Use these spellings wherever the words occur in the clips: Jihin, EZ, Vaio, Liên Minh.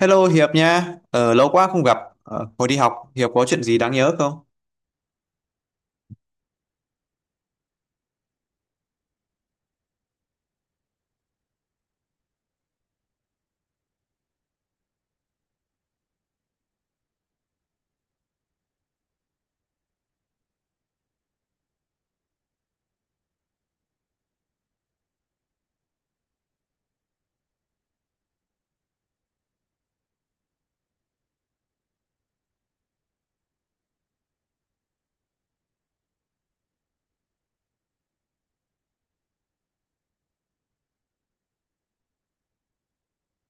Hello Hiệp nha, lâu quá không gặp. Hồi đi học, Hiệp có chuyện gì đáng nhớ không?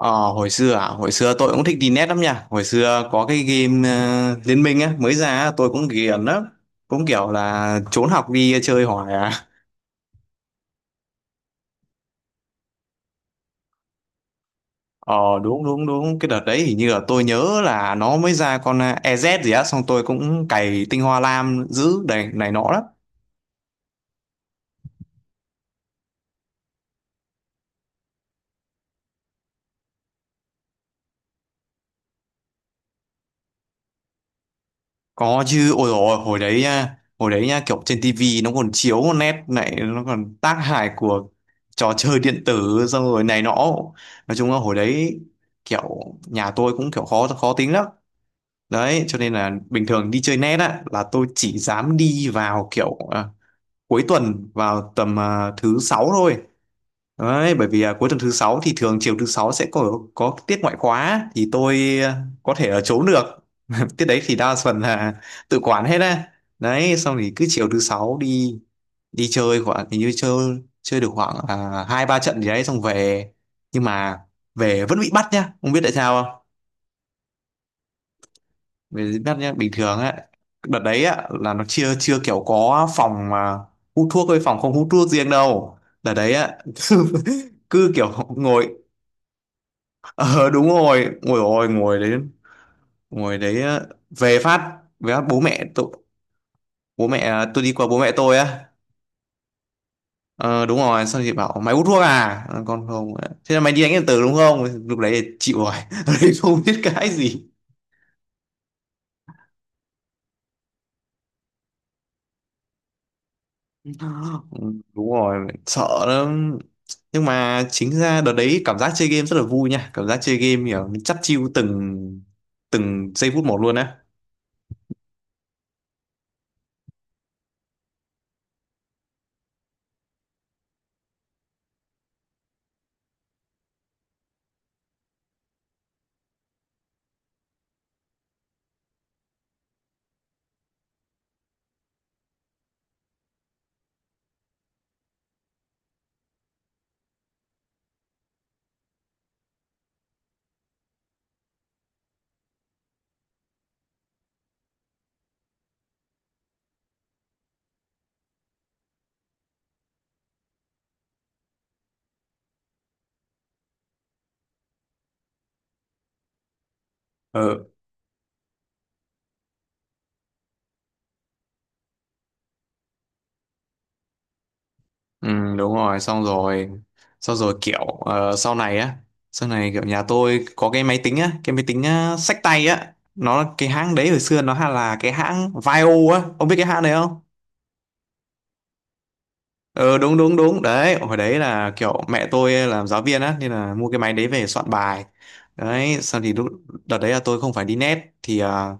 Hồi xưa tôi cũng thích đi net lắm nha. Hồi xưa có cái game Liên Minh á, mới ra á, tôi cũng ghiền lắm. Cũng kiểu là trốn học đi chơi hoài à. Ờ, đúng, đúng, đúng, cái đợt đấy hình như là tôi nhớ là nó mới ra con EZ gì á, xong tôi cũng cày tinh hoa lam giữ này này nọ lắm. Có chứ, ôi dồi ôi, hồi đấy nha, kiểu trên tivi nó còn chiếu một nét này, nó còn tác hại của trò chơi điện tử xong rồi này nọ. Nói chung là hồi đấy kiểu nhà tôi cũng kiểu khó khó tính lắm. Đấy, cho nên là bình thường đi chơi net á là tôi chỉ dám đi vào kiểu cuối tuần vào tầm thứ sáu thôi. Đấy, bởi vì cuối tuần thứ sáu thì thường chiều thứ sáu sẽ có tiết ngoại khóa thì tôi có thể ở trốn được tiết đấy thì đa phần là tự quản hết á, đấy xong thì cứ chiều thứ sáu đi đi chơi khoảng, hình như chơi chơi được khoảng hai ba trận gì đấy xong về. Nhưng mà về vẫn bị bắt nhá, không biết tại sao không. Về bị bắt nhá, bình thường á, đợt đấy á là nó chưa chưa kiểu có phòng mà hút thuốc với phòng không hút thuốc riêng đâu, đợt đấy á cứ, cứ kiểu ngồi. Ờ đúng rồi ngồi đấy á, về phát bố mẹ tôi, tôi đi qua bố mẹ tôi á. Ờ đúng rồi, xong chị bảo mày hút thuốc à? Ờ, con không ạ. Thế là mày đi đánh điện tử đúng không? Lúc đấy thì chịu rồi. Lúc đấy không biết cái gì. Ừ, đúng rồi, sợ lắm. Nhưng mà chính ra đợt đấy cảm giác chơi game rất là vui nha, cảm giác chơi game kiểu mình chắt chiu từng từng giây phút một luôn á. Ờ, ừ, đúng rồi, xong rồi kiểu sau này kiểu nhà tôi có cái máy tính xách tay á, nó cái hãng đấy hồi xưa nó hay là cái hãng Vaio á, ông biết cái hãng đấy không? Ờ Đúng đúng đúng đấy, hồi đấy là kiểu mẹ tôi làm giáo viên á nên là mua cái máy đấy về soạn bài. Đấy xong thì lúc đợt đấy là tôi không phải đi net thì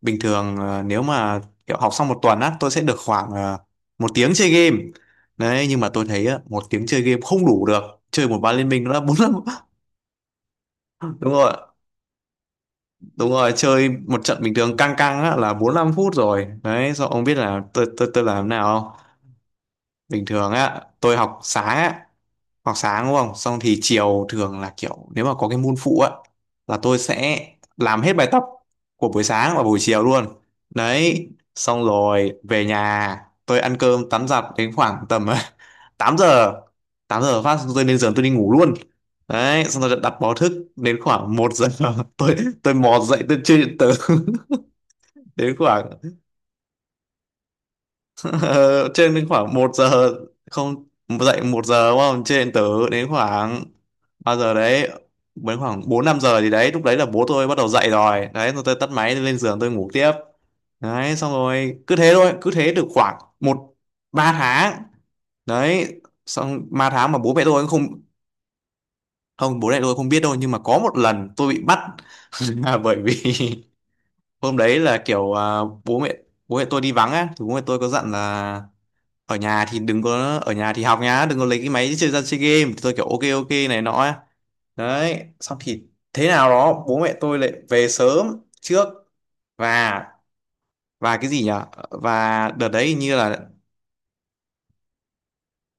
bình thường nếu mà kiểu học xong một tuần á tôi sẽ được khoảng một tiếng chơi game. Đấy nhưng mà tôi thấy á, một tiếng chơi game không đủ được, chơi một ván liên minh nó đã bốn năm. Đúng rồi, đúng rồi, chơi một trận bình thường căng căng á là bốn năm phút rồi đấy. Sao ông biết là tôi làm thế nào không? Bình thường á tôi học sáng á, hoặc sáng đúng không, xong thì chiều thường là kiểu nếu mà có cái môn phụ á là tôi sẽ làm hết bài tập của buổi sáng và buổi chiều luôn đấy. Xong rồi về nhà tôi ăn cơm tắm giặt đến khoảng tầm 8 giờ 8 giờ phát tôi lên giường tôi đi ngủ luôn đấy. Xong rồi đặt báo thức đến khoảng một giờ tôi tôi mò dậy tôi chưa điện tử. Đến khoảng Ờ, trên đến khoảng một giờ, không, dậy một giờ đúng không, trên tớ đến khoảng bao giờ đấy, đến khoảng 4 5 giờ thì đấy lúc đấy là bố tôi bắt đầu dậy rồi đấy, rồi tôi tắt máy tôi lên giường tôi ngủ tiếp. Đấy xong rồi cứ thế thôi, cứ thế được khoảng một ba tháng. Đấy xong ba tháng mà bố mẹ tôi cũng không không bố mẹ tôi không biết đâu. Nhưng mà có một lần tôi bị bắt là bởi vì hôm đấy là kiểu bố mẹ bố mẹ tôi đi vắng á, thì bố mẹ tôi có dặn là ở nhà thì đừng có, ở nhà thì học nhá, đừng có lấy cái máy chơi ra chơi game, thì tôi kiểu ok ok này nọ ấy. Đấy xong thì thế nào đó bố mẹ tôi lại về sớm trước, và và cái gì nhỉ, và đợt đấy hình như là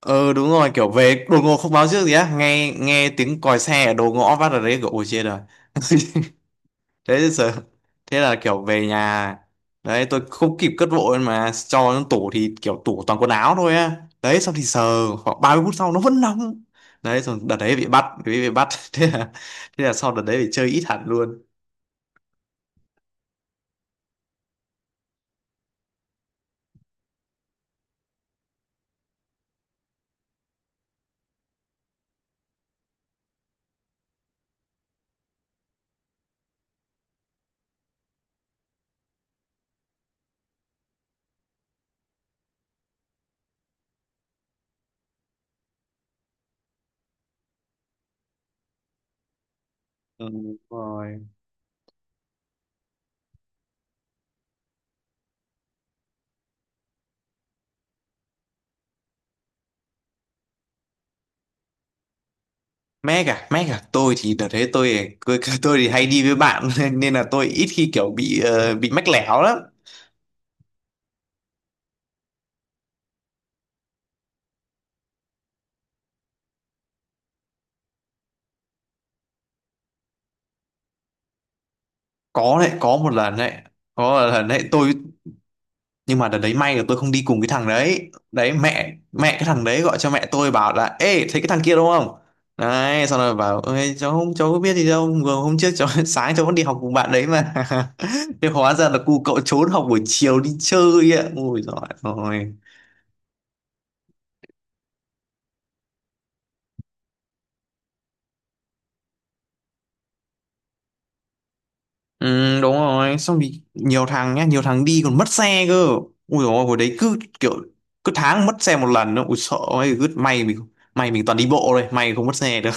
ờ đúng rồi, kiểu về đột ngột không báo trước gì á, nghe nghe tiếng còi xe ở đầu ngõ phát ở đấy kiểu ôi chết rồi. Thế sợ, thế là kiểu về nhà đấy tôi không kịp cất vội mà cho nó tủ, thì kiểu tủ toàn quần áo thôi á, đấy xong thì sờ khoảng 30 phút sau nó vẫn nóng đấy, rồi đợt đấy bị bắt thế là thế là sau đợt đấy phải chơi ít hẳn luôn. Ừ, đúng rồi. Mac à, tôi thì đợt đấy tôi thì hay đi với bạn nên nên là tôi ít khi kiểu bị mách lẻo lắm. Có đấy, có một lần đấy tôi, nhưng mà đợt đấy may là tôi không đi cùng cái thằng đấy đấy, mẹ mẹ cái thằng đấy gọi cho mẹ tôi bảo là ê thấy cái thằng kia đúng không, đấy xong rồi bảo ơi cháu không, cháu có biết gì đâu, vừa hôm trước cháu sáng cháu vẫn đi học cùng bạn đấy mà. Thế hóa ra là cu cậu trốn học buổi chiều đi chơi ạ, ôi giời ơi. Ừ, đúng rồi, xong thì nhiều thằng nhá, nhiều thằng đi còn mất xe cơ, ui dồi ôi hồi đấy cứ kiểu cứ tháng mất xe một lần nữa ui sợ ơi, cứ may mình toàn đi bộ thôi, may không mất xe được.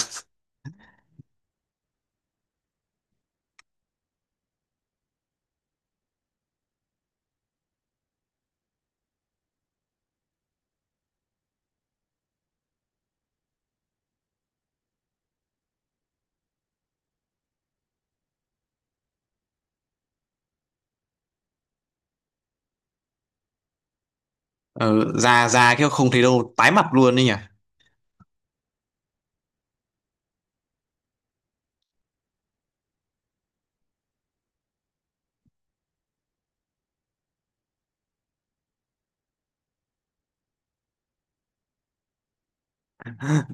Ờ, ra ra cái không thấy đâu tái mặt luôn đấy nhỉ.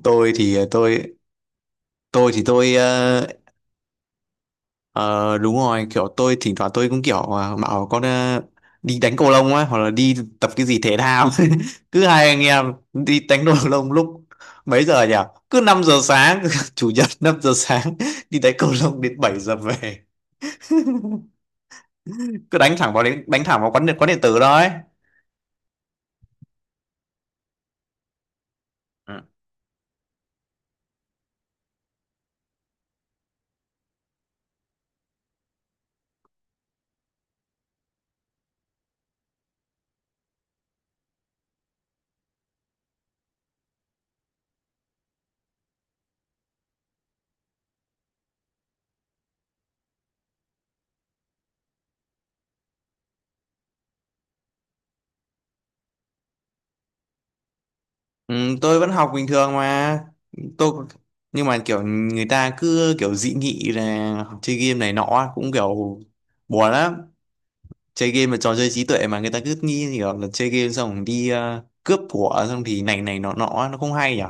Tôi thì tôi tôi thì tôi ờ, đúng rồi kiểu tôi thỉnh thoảng tôi cũng kiểu bảo con đi đánh cầu lông á hoặc là đi tập cái gì thể thao. Cứ hai anh em đi đánh cầu lông lúc mấy giờ nhỉ, cứ 5 giờ sáng, chủ nhật 5 giờ sáng đi đánh cầu lông đến 7 giờ về, cứ đánh thẳng vào đến đánh thẳng vào quán điện tử đó ấy. Ừ, tôi vẫn học bình thường mà tôi. Nhưng mà kiểu người ta cứ kiểu dị nghị là học chơi game này nọ cũng kiểu buồn lắm. Chơi game là trò chơi trí tuệ mà người ta cứ nghĩ kiểu là chơi game xong rồi đi cướp của xong thì này này nọ nọ, nó không hay nhỉ.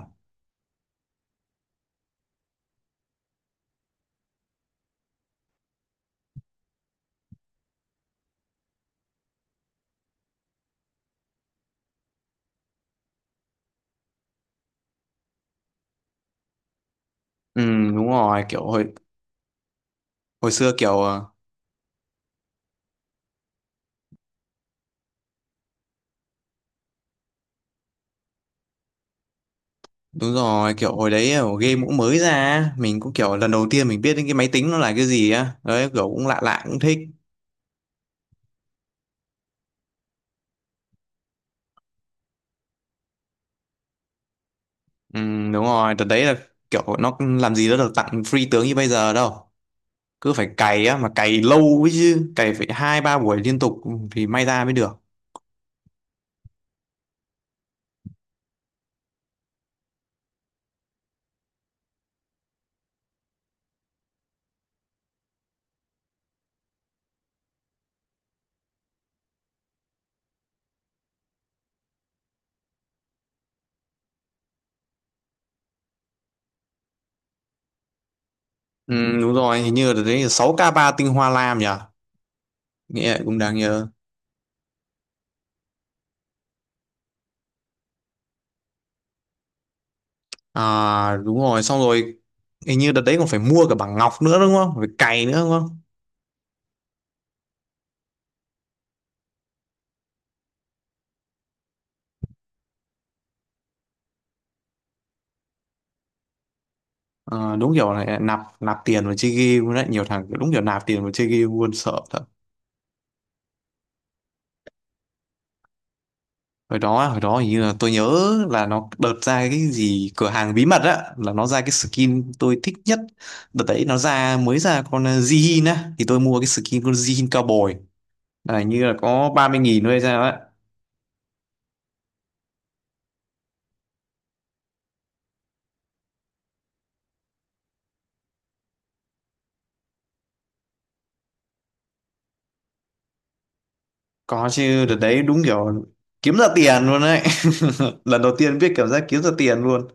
Ừ đúng rồi kiểu hồi hồi xưa kiểu đúng rồi kiểu hồi đấy kiểu game cũng mới ra, mình cũng kiểu lần đầu tiên mình biết đến cái máy tính nó là cái gì á, đấy kiểu cũng lạ lạ cũng thích. Ừ, đúng rồi đợt đấy là kiểu nó làm gì nó được tặng free tướng như bây giờ đâu, cứ phải cày á mà cày lâu ấy chứ, cày phải hai ba buổi liên tục thì may ra mới được. Ừ, đúng rồi, hình như là đấy 6k3 tinh hoa lam nhỉ, nghĩa cũng đáng nhớ. À đúng rồi, xong rồi hình như đợt đấy còn phải mua cả bảng ngọc nữa đúng không, phải cày nữa đúng không. Ờ, đúng kiểu này, nạp nạp tiền vào chơi game luôn đấy, nhiều thằng đúng kiểu nạp tiền vào chơi game luôn, sợ thật. Hồi đó hình như là tôi nhớ là nó đợt ra cái gì cửa hàng bí mật á, là nó ra cái skin tôi thích nhất, đợt đấy nó ra mới ra con Jihin á, thì tôi mua cái skin con Jihin cao bồi là hình như là có 30.000 thôi hay sao á. Có chứ, đợt đấy đúng kiểu kiếm ra tiền luôn đấy. Lần đầu tiên biết cảm giác kiếm ra tiền luôn.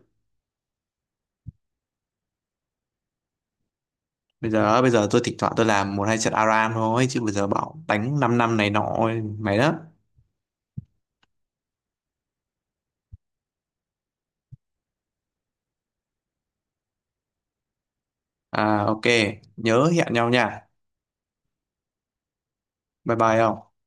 Bây giờ tôi thỉnh thoảng tôi làm một hai trận ARAM thôi, chứ bây giờ bảo đánh 5 năm này nọ mày đó. À ok, nhớ hẹn nhau nha. Bye bye không.